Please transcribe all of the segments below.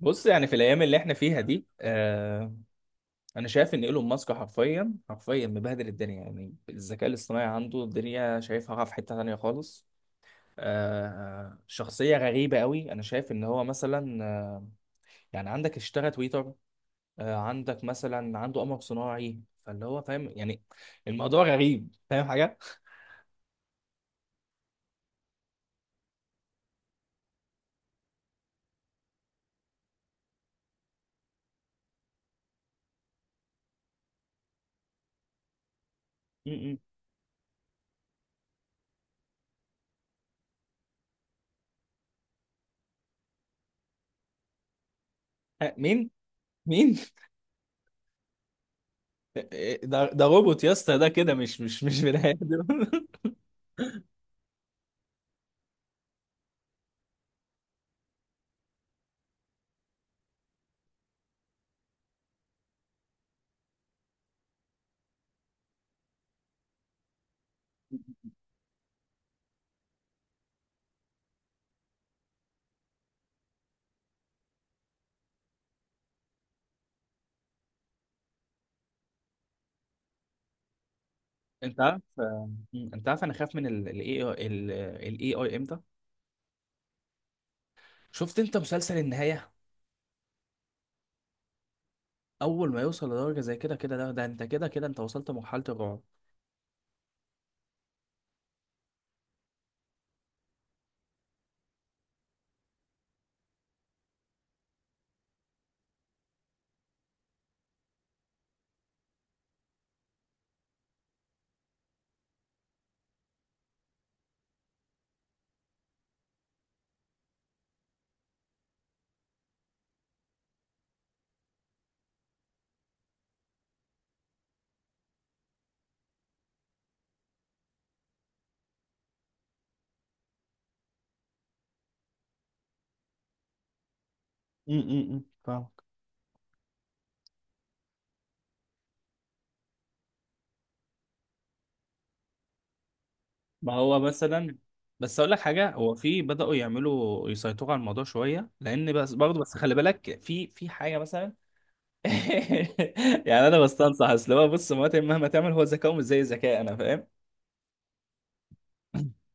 بص، يعني في الايام اللي احنا فيها دي، انا شايف ان ايلون ماسك حرفيا حرفيا مبهدل الدنيا. يعني الذكاء الاصطناعي عنده، الدنيا شايفها في حتة تانية خالص. شخصية غريبة قوي. انا شايف ان هو مثلا، يعني عندك اشترى تويتر. عندك مثلا عنده قمر صناعي. فاللي هو فاهم، يعني الموضوع غريب، فاهم حاجة؟ م- م. مين؟ مين؟ ده روبوت يا اسطى، ده كده مش بني ادم. انت عارف آه، مم. انت عارف انا خايف من الاي اي. الاي اي امتى؟ شفت انت مسلسل النهايه؟ اول ما يوصل لدرجه زي كده، كده ده انت كده، كده انت وصلت لمرحله الرعب. فاهمك. ما هو مثلا. بس اقول لك حاجه، هو في بداوا يعملوا يسيطروا على الموضوع شويه، لان بس برضه بس خلي بالك، في حاجه مثلا. يعني انا بستنصح، اصل هو بص، مراتي مهما تعمل، هو ذكاؤه مش زي ذكاء انا، فاهم؟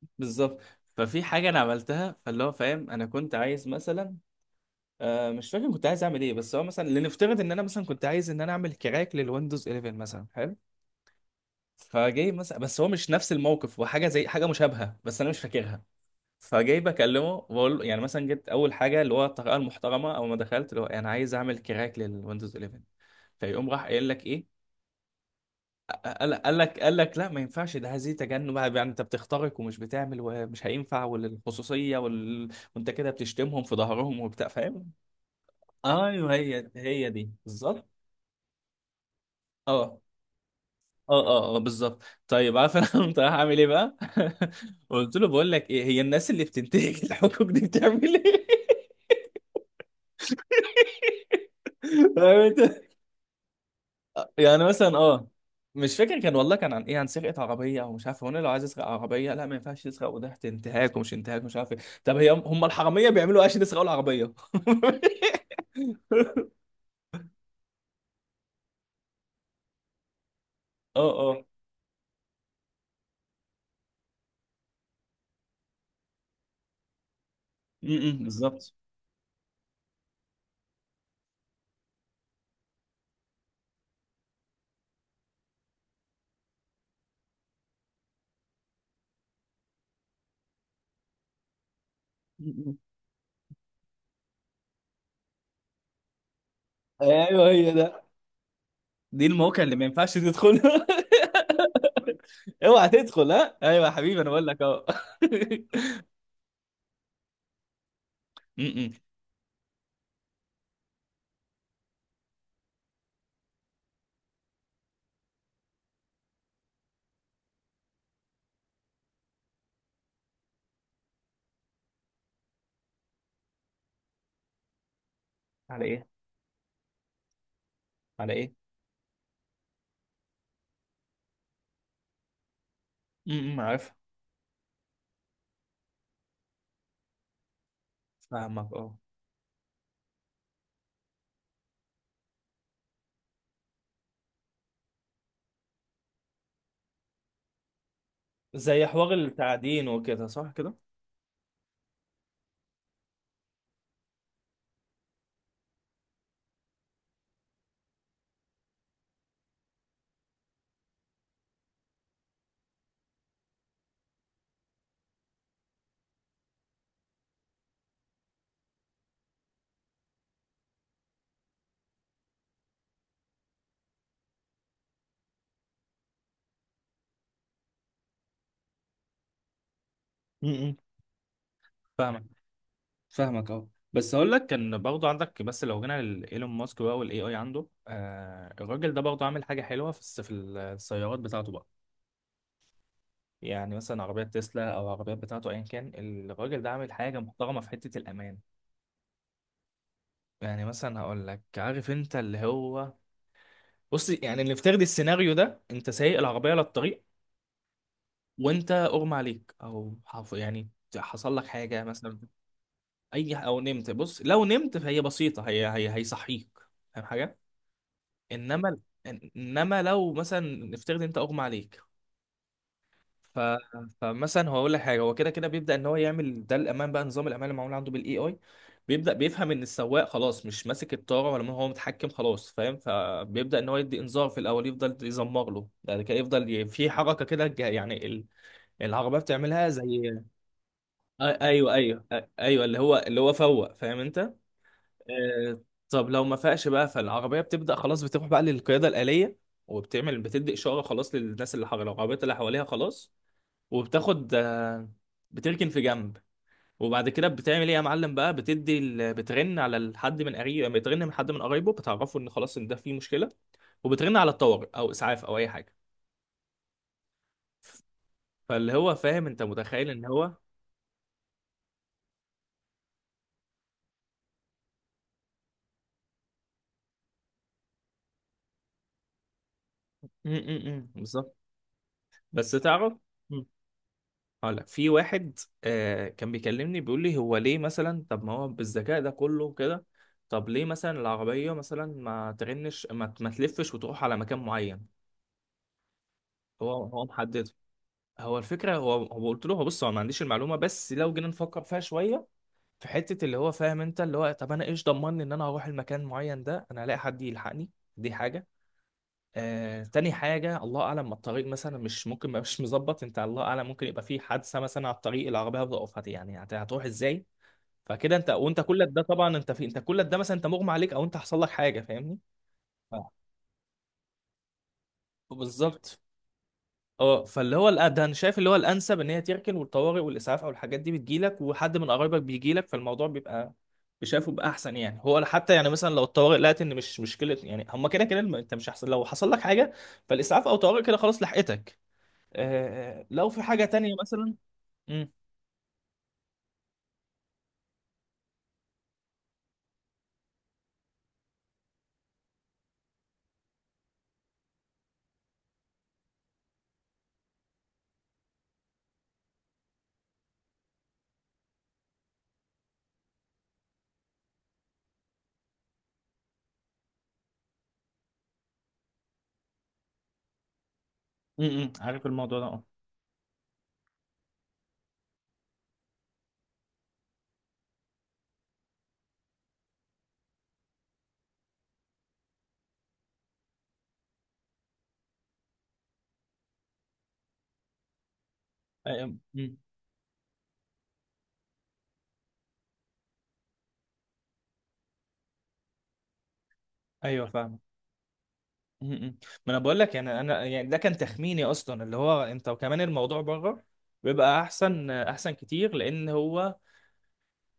بالظبط. ففي حاجه انا عملتها، فاللي هو فاهم، انا كنت عايز مثلا، مش فاكر كنت عايز اعمل ايه. بس هو مثلا، لنفترض ان انا مثلا كنت عايز ان انا اعمل كراك للويندوز 11 مثلا، حلو. فجاي مثلا، بس هو مش نفس الموقف، هو حاجه زي حاجه مشابهه بس انا مش فاكرها. فجاي بكلمه بقول له، يعني مثلا جيت اول حاجه، اللي هو الطريقه المحترمه، اول ما دخلت اللي هو انا عايز اعمل كراك للويندوز 11. فيقوم راح قايل لك ايه؟ قال لك لا، ما ينفعش ده، هذه تجنب، يعني انت بتخترق ومش بتعمل ومش هينفع، والخصوصيه وانت كده بتشتمهم في ظهرهم وبتاع، فاهم؟ ايوه، هي دي بالظبط. اه اه اه اه، بالظبط. طيب، عارف انا قمت رايح اعمل ايه بقى؟ قلت له بقول لك ايه، هي الناس اللي بتنتهك الحقوق دي بتعمل ايه؟ فاهم انت؟ يعني مثلا اه، مش فاكر، كان والله كان عن ايه، عن سرقه عربيه او مش عارف، هو أنا لو عايز اسرق عربيه، لا ما ينفعش تسرق، وده انتهاك ومش انتهاك، مش عارف ايه. طب هي، هم الحراميه بيعملوا ايه عشان يسرقوا العربيه؟ اه اه، م- م، بالظبط. م- م. ايوه، هي ده، دي الموقع اللي ما ينفعش تدخلها. اوعى تدخل، ها ايوه يا حبيبي انا بقول لك اهو. م-م. على ايه؟ على ايه؟ م-م، عارف. فاهمك اه. زي حوار التعدين وكده، صح كده؟ م-م. فاهمك، فاهمك اهو. بس هقول لك، كان برضه عندك، بس لو جينا لايلون ماسك بقى، والاي اي عنده، الراجل ده برضه عامل حاجه حلوه، في السيارات بتاعته بقى. يعني مثلا عربيات تسلا او عربيات بتاعته، ايا كان، الراجل ده عامل حاجه محترمه في حته الامان. يعني مثلا هقول لك، عارف انت اللي هو، بص يعني اللي افترض السيناريو ده، انت سايق العربيه على الطريق وانت اغمى عليك، او يعني حصل لك حاجه مثلا. اي او نمت، بص لو نمت فهي بسيطه، هي هيصحيك، فاهم حاجه؟ انما، لو مثلا نفترض انت اغمى عليك، ف... فمثلا هو اقول لك حاجه، هو كده كده بيبدا ان هو يعمل ده، الامان بقى، نظام الامان اللي معمول عنده بالاي اي، بيبدا بيفهم ان السواق خلاص مش ماسك الطاره ولا هو متحكم خلاص، فاهم؟ فبيبدا ان هو يدي انذار في الاول، يفضل يزمر له يعني كده، يفضل في حركه كده، يعني العربيه بتعملها، زي ايوه ايوه ايوه، اللي هو اللي هو فوق، فاهم انت؟ آه... طب لو ما فاقش بقى، فالعربيه بتبدا خلاص، بتروح بقى للقياده الاليه، وبتعمل، بتدي اشاره خلاص للناس اللي حواليها، العربيات اللي حواليها خلاص، وبتاخد، بتركن في جنب. وبعد كده بتعمل ايه يا معلم بقى؟ بترن على حد من قريب، يعني بترن من حد من قرايبه بتعرفه ان خلاص ان ده فيه مشكله، وبترن على الطوارئ او اسعاف او اي حاجه. فاللي هو فاهم، انت متخيل ان هو. م- م- م، بالظبط. بس تعرف. م. هقول لك، في واحد كان بيكلمني، بيقول لي هو ليه مثلا، طب ما هو بالذكاء ده كله وكده، طب ليه مثلا العربيه مثلا ما ترنش، ما تلفش وتروح على مكان معين؟ هو هو محدد، هو الفكره، هو هو قلت له، هو بص، هو ما عنديش المعلومه، بس لو جينا نفكر فيها شويه، في حته اللي هو فاهم انت، اللي هو طب انا ايش ضمني ان انا هروح المكان معين ده، انا هلاقي حد يلحقني؟ دي حاجه. تاني حاجه، الله اعلم ما الطريق مثلا مش ممكن، ما مش مظبط انت، الله اعلم ممكن يبقى في حادثه مثلا على الطريق، العربيه هتقف، يعني هتروح ازاي؟ فكده انت، وانت كل ده طبعا، انت في، انت كل ده مثلا انت مغمى عليك او انت حصل لك حاجه، فاهمني؟ آه. بالظبط. اه، فاللي هو ده انا شايف اللي هو الانسب ان هي تركن، والطوارئ والاسعاف او الحاجات دي بتجيلك، وحد من قرايبك بيجيلك، فالموضوع بيبقى، شايفه بيبقى احسن يعني. هو حتى يعني مثلا لو الطوارئ لقت ان مش مشكله، يعني هما كده كده انت مش هحصل، لو حصل لك حاجه، فالاسعاف او طوارئ كده خلاص لحقتك. آه، آه، لو في حاجه تانية مثلا. امم. امم، عارف الموضوع ده اه. أي- أمم. ايوه فاهم. أمم. ما انا بقول لك، يعني انا، يعني ده كان تخميني اصلا، اللي هو انت وكمان الموضوع بره بيبقى احسن احسن كتير، لان هو،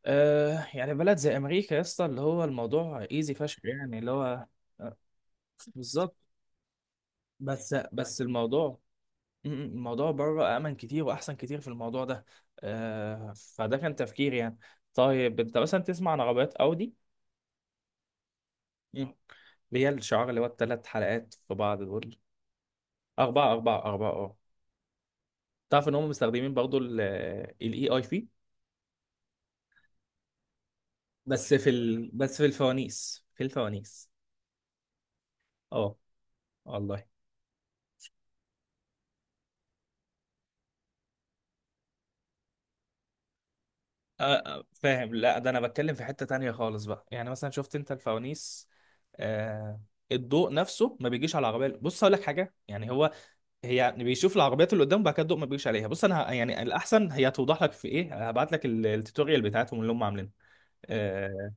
يعني بلد زي امريكا يا اسطى، اللي هو الموضوع ايزي فشخ يعني اللي هو، آه، بالظبط. بس الموضوع، م- م- الموضوع بره امن كتير واحسن كتير في الموضوع ده. فده كان تفكيري يعني. طيب، انت مثلا تسمع عن عربيات اودي؟ م. اللي هي الشعار اللي هو الثلاث حلقات في بعض دول. اربعه، اربعه اربعه، اه. تعرف ان هم مستخدمين برضو الاي اي في، بس في الفوانيس، في الفوانيس، اه. والله. فاهم؟ لا، ده انا بتكلم في حتة تانية خالص بقى، يعني مثلا شفت انت الفوانيس؟ آه، الضوء نفسه ما بيجيش على العربية. بص اقول لك حاجة، يعني هو، هي يعني بيشوف العربيات اللي قدامه وبعد كده الضوء ما بيجيش عليها. بص انا يعني الاحسن هي توضح لك في ايه، هبعت لك التوتوريال بتاعتهم اللي هم عاملينه. آه،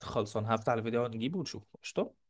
خلصان، هفتح الفيديو ونجيبه ونشوفه، قشطة.